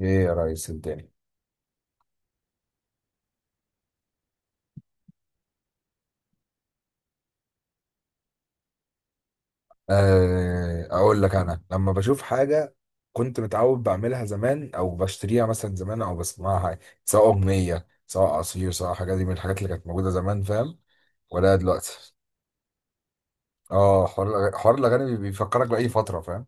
ايه يا ريس الدنيا. آه، اقول لك انا لما بشوف حاجه كنت متعود بعملها زمان او بشتريها مثلا زمان او بسمعها، سواء اغنيه سواء عصير سواء حاجه، دي من الحاجات اللي كانت موجوده زمان، فاهم ولا دلوقتي؟ اه، حوار الاغاني بيفكرك باي فتره، فاهم.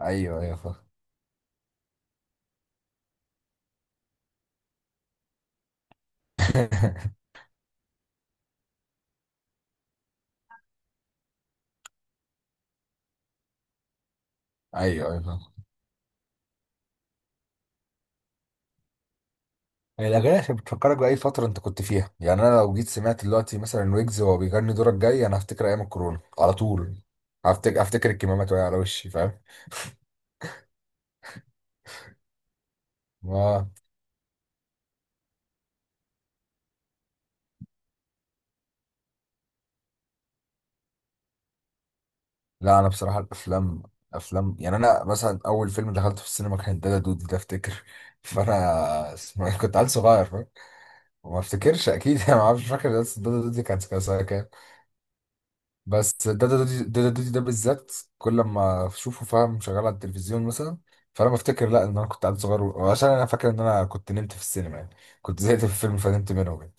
ايوه ايوه فاهم. ايوه ايوه فاهم. هي الاغاني عشان بتفكرك باي فتره انت كنت فيها، يعني انا لو جيت سمعت دلوقتي مثلا ويجز وهو بيغني دورك جاي، انا هفتكر ايام الكورونا على طول. هفتكر الكمامات وهي على وشي، فاهم. آه. لا انا بصراحه الافلام، افلام، يعني انا مثلا اول فيلم دخلته في السينما كان دادا دودي ده، افتكر فانا اسمه- إيه، كنت عيل صغير، فاهم. وما افتكرش اكيد انا ما اعرفش فاكر، بس دادا دودي كان سنه كام. بس دادا دودي، دادا دودي ده بالذات، كل ما اشوفه فاهم شغال على التلفزيون مثلا، فانا بفتكر لا ان انا كنت عيل صغير، وعشان انا فاكر ان انا كنت نمت في السينما يعني، كنت زهقت في الفيلم فنمت منه يعني.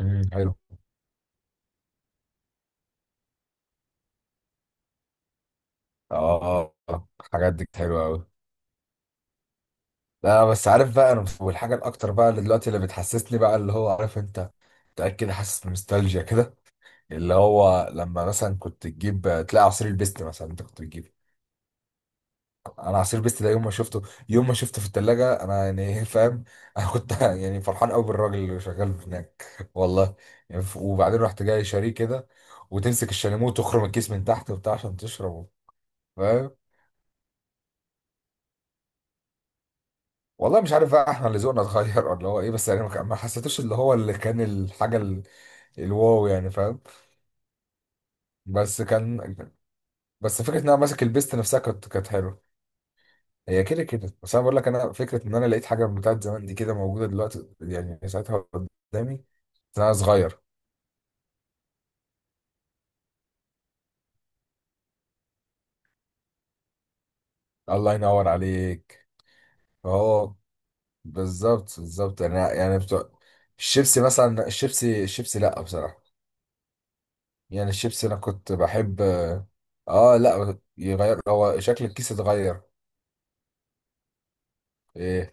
حلو. اه آه، آه. الحاجات دي حلوه قوي. لا بس عارف بقى، انا والحاجه الاكتر بقى اللي دلوقتي اللي بتحسسني بقى اللي هو عارف انت، متاكد حاسس بنوستالجيا كده، اللي هو لما مثلا كنت تجيب تلاقي عصير البيست مثلا، انت كنت بتجيب. انا عصير البيست ده يوم ما شفته، يوم ما شفته في الثلاجه انا يعني فاهم. انا كنت يعني فرحان قوي بالراجل اللي شغال هناك والله. يعني وبعدين رحت جاي شاريه كده، وتمسك الشاليمو وتخرم الكيس من تحت وبتاع عشان تشربه، فاهم. والله مش عارف بقى احنا اللي ذوقنا اتغير ولا هو ايه، بس يعني ما حسيتوش اللي هو اللي كان الحاجه الواو، يعني فاهم. بس كان، بس فكره ان انا ماسك البيست نفسها كانت حلوه. هي كده كده، بس انا بقول لك انا فكره ان انا لقيت حاجه بتاعت زمان دي كده موجوده دلوقتي يعني ساعتها، قدامي، انا صغير. الله ينور عليك. اهو، بالظبط بالظبط، يعني يعني بتوع الشيبسي مثلا، الشيبسي لا بصراحه، يعني الشيبسي انا كنت بحب. اه لا يغير، هو شكل الكيس اتغير. إيه،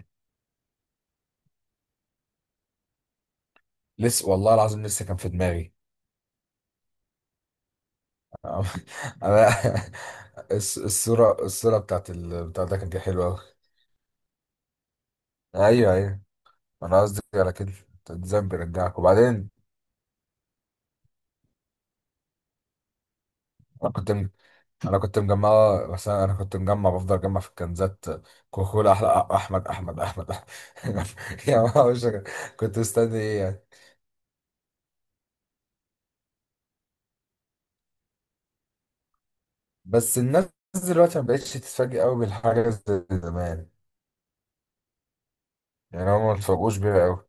لسه والله العظيم لسه كان في دماغي. آه، انا الصورة، الصورة بتاعت بتاع ده كانت حلوة أوي. ايوه ايوه، انا قصدي على كده. الذنب بيرجعك، وبعدين انا كنت م... انا كنت مجمع، بس انا كنت مجمع بفضل اجمع في الكنزات. كوكولا احلى احمد احمد احمد أحمد. يا ما مش، كنت مستني ايه يعني. بس الناس دلوقتي ما بقتش تتفاجئ قوي بالحاجة زي زمان، يعني هم ما اتفاجئوش بيها قوي.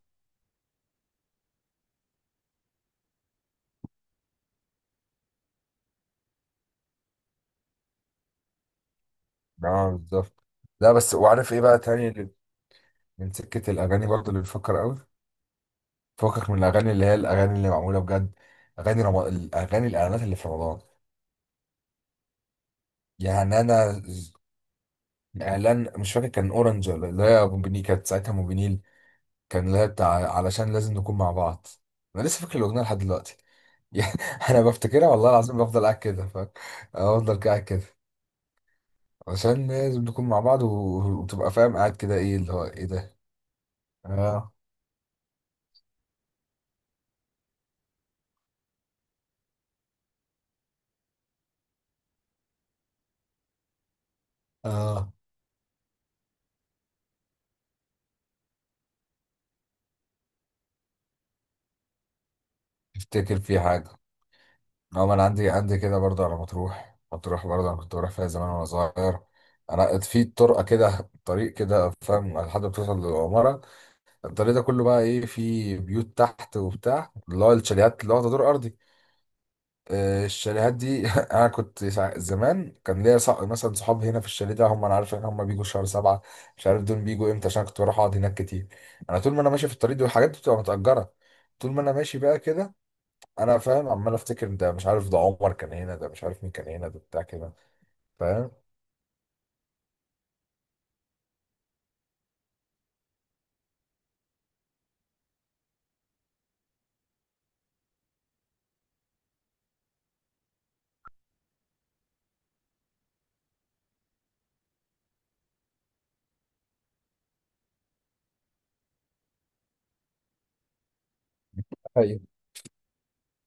اه بالظبط. لا بس وعارف ايه بقى تاني اللي، من سكة الاغاني برضه اللي بفكر قوي فكك، من الاغاني اللي هي الاغاني اللي معموله بجد، الاغاني الاعلانات اللي في رمضان. يعني انا ز- اعلان مش فاكر كان اورنج ولا اللي هي موبينيل، كانت ساعتها موبينيل، كان اللي هي بتاع علشان لازم نكون مع بعض. انا لسه فاكر الاغنيه لحد دلوقتي. يعني انا بفتكرها والله العظيم، بفضل قاعد كده فاهم، افضل قاعد كده، علشان لازم نكون مع بعض وتبقى فاهم قاعد كده ايه اللي هو ايه ده. اه اه افتكر في حاجه. اه، ما انا عندي، عندي كده برضه على مطروح، مطروح برضه انا كنت بروح فيها زمان وانا صغير. انا في طرقه كده، طريق كده فاهم، لحد ما توصل للعماره. الطريق ده كله بقى ايه، في بيوت تحت وبتاع، اللي هو الشاليهات اللي واخده دور ارضي. آه، الشاليهات دي انا زمان كان ليا مثلا صحاب هنا في الشاليه ده، هم انا عارف ان هم بيجوا شهر سبعة، مش عارف دول بيجوا امتى، عشان كنت بروح اقعد هناك كتير. انا طول ما انا ماشي في الطريق دي، والحاجات دي بتبقى متأجرة، طول ما انا ماشي بقى كده، انا فاهم عمال افتكر، ده مش عارف ده عمر كان هنا، ده مش عارف مين كان هنا، ده بتاع كده، فاهم. ايوه،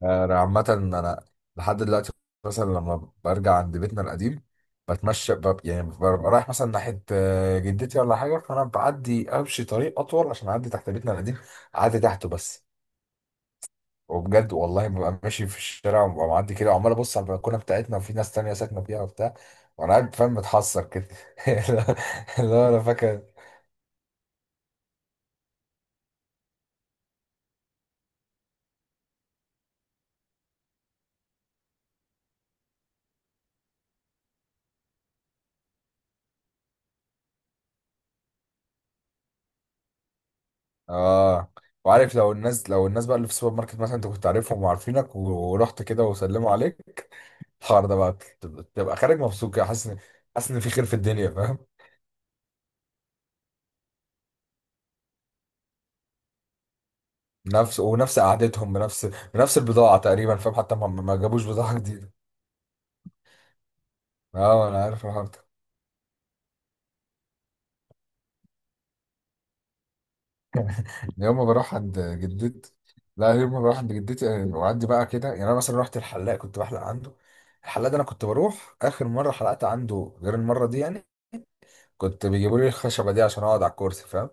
انا عامة انا لحد دلوقتي مثلا لما برجع عند بيتنا القديم، يعني ببقى رايح مثلا ناحية آه، جدتي ولا حاجة، فأنا بعدي أمشي طريق أطول عشان أعدي تحت بيتنا القديم، أعدي تحته بس. وبجد والله ببقى ماشي في الشارع، وببقى معدي كده وعمال أبص على البلكونة بتاعتنا، وفي ناس تانية ساكنة فيها وبتاع، وأنا قاعد فاهم متحسر كده. اللي هو أنا فاكر. اه، وعارف لو الناس، لو الناس بقى اللي في السوبر ماركت مثلا، انت كنت عارفهم وعارفينك ورحت كده وسلموا عليك، الحوار ده بقى تبقى، تبقى خارج مبسوط كده، حاسس ان، حاسس ان في خير في الدنيا، فاهم. نفس، ونفس قعدتهم، بنفس، بنفس البضاعة تقريبا، فاهم، حتى ما جابوش بضاعة جديدة. اه انا عارف الحوار ده. يوم ما بروح عند جدتي، لا يوم ما بروح عند جدتي آه، واعدي بقى كده، يعني انا مثلا رحت الحلاق كنت بحلق عنده. الحلاق ده انا كنت بروح، اخر مرة حلقت عنده غير المرة دي يعني، كنت بيجيبوا لي الخشبة دي عشان اقعد على الكرسي، فاهم.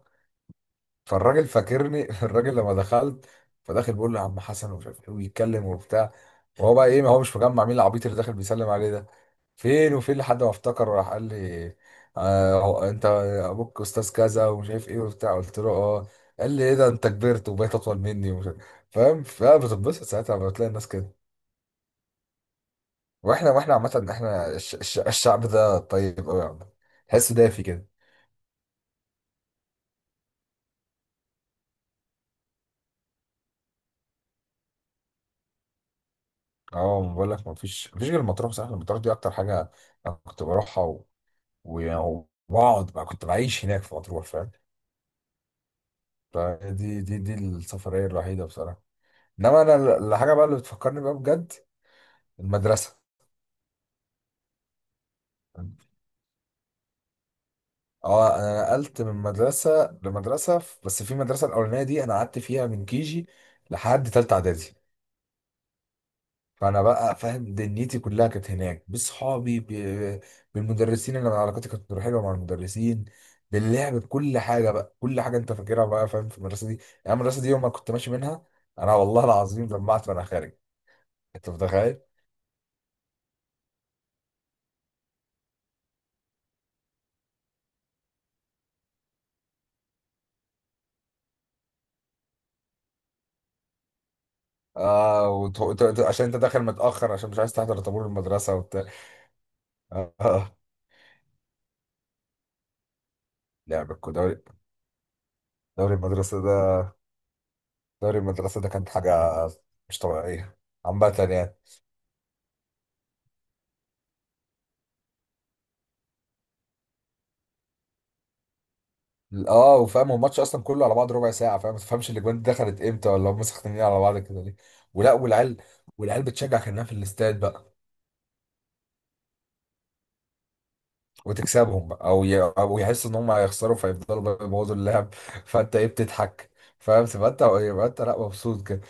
فالراجل فاكرني، الراجل لما دخلت، فداخل بيقول له يا عم حسن ومش عارف ايه ويتكلم وبتاع، وهو بقى ايه، ما هو مش مجمع مين العبيط اللي داخل بيسلم عليه ده. فين وفين لحد ما افتكر راح قال لي، آه هو انت، ابوك استاذ كذا ومش عارف ايه وبتاع، قلت له اه. قال لي ايه ده، انت كبرت وبقيت اطول مني ومش عارف، فاهم. فبتتبسط ساعتها لما بتلاقي الناس كده. واحنا، واحنا عامه احنا الشعب ده طيب قوي يعني، تحسه دافي كده. اه بقول لك، ما فيش غير المطروح، صح، المطروح دي اكتر حاجه. انا كنت بروحها وبقعد بقى، كنت بعيش هناك في مطروح فاهم. فدي دي السفرية الوحيدة بصراحة. انما انا الحاجة بقى اللي بتفكرني بقى بجد، المدرسة. اه انا نقلت من مدرسة لمدرسة بس في المدرسة الاولانية دي انا قعدت فيها من كيجي لحد تالتة اعدادي. فانا بقى فاهم دنيتي كلها كانت هناك، بصحابي بالمدرسين، انا علاقتي كانت حلوه مع المدرسين، باللعب، بكل حاجه بقى، كل حاجه انت فاكرها بقى فاهم في المدرسه دي. يعني المدرسه دي يوم ما كنت ماشي منها، انا والله العظيم دمعت وانا خارج، انت متخيل. اه عشان انت داخل متاخر عشان مش عايز تحضر طابور المدرسه وبتاع. اه آه. دوري، دوري المدرسه ده، دوري المدرسه ده كانت حاجه مش طبيعيه عامه يعني. اه وفاهم هو الماتش اصلا كله على بعض ربع ساعه، فاهم، ما تفهمش الاجوان دي دخلت امتى، ولا هم سخنانين على بعض كده ليه. ولا والعيال، والعيال بتشجع كانها في الاستاد بقى. وتكسبهم بقى او يحسوا ان هم هيخسروا فيفضلوا بقى يبوظوا اللعب، فانت ايه بتضحك. فاهم، تبقى انت، يبقى انت لا مبسوط كده.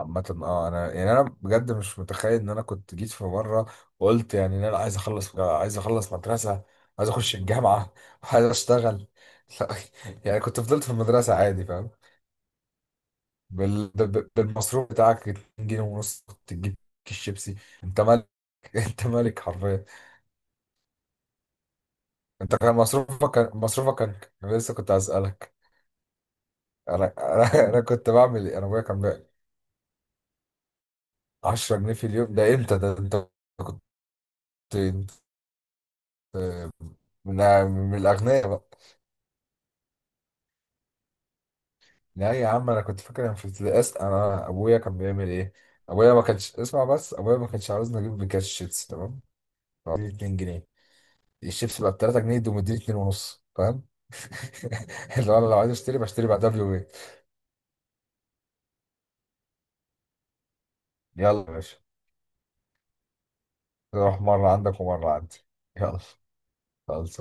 عامة اه انا يعني انا بجد مش متخيل ان انا كنت جيت في مره وقلت يعني ان انا عايز اخلص، عايز اخلص مدرسه، عايز اخش الجامعه، عايز اشتغل. لا، يعني كنت فضلت في المدرسه عادي فاهم. بالمصروف بتاعك 2 ج ونص تجيب كيس شيبسي، انت مالك. انت مالك حرفيا. انت كان مصروفك، كان مصروفك كان، انا لسه كنت هسألك. أنا كنت بعمل ايه؟ انا ابويا كان بيعمل 10 ج في اليوم، ده امتى ده، انت كنت، انت من، من الاغنياء بقى. لا يا عم، انا كنت فاكر انا في ابتدائي انا ابويا كان بيعمل ايه. ابويا ما كانش اسمع، بس ابويا ما كانش عاوزني اجيب بكاش شيبسي تمام، فقال لي 2 ج، الشيبس بقى ب 3 ج دي، مديني 2 ونص فاهم. اللي هو انا لو عايز اشتري بشتري بعدها بيومين. يلا يا باشا، نروح مره عندك ومره عندي. يلا. خلاص.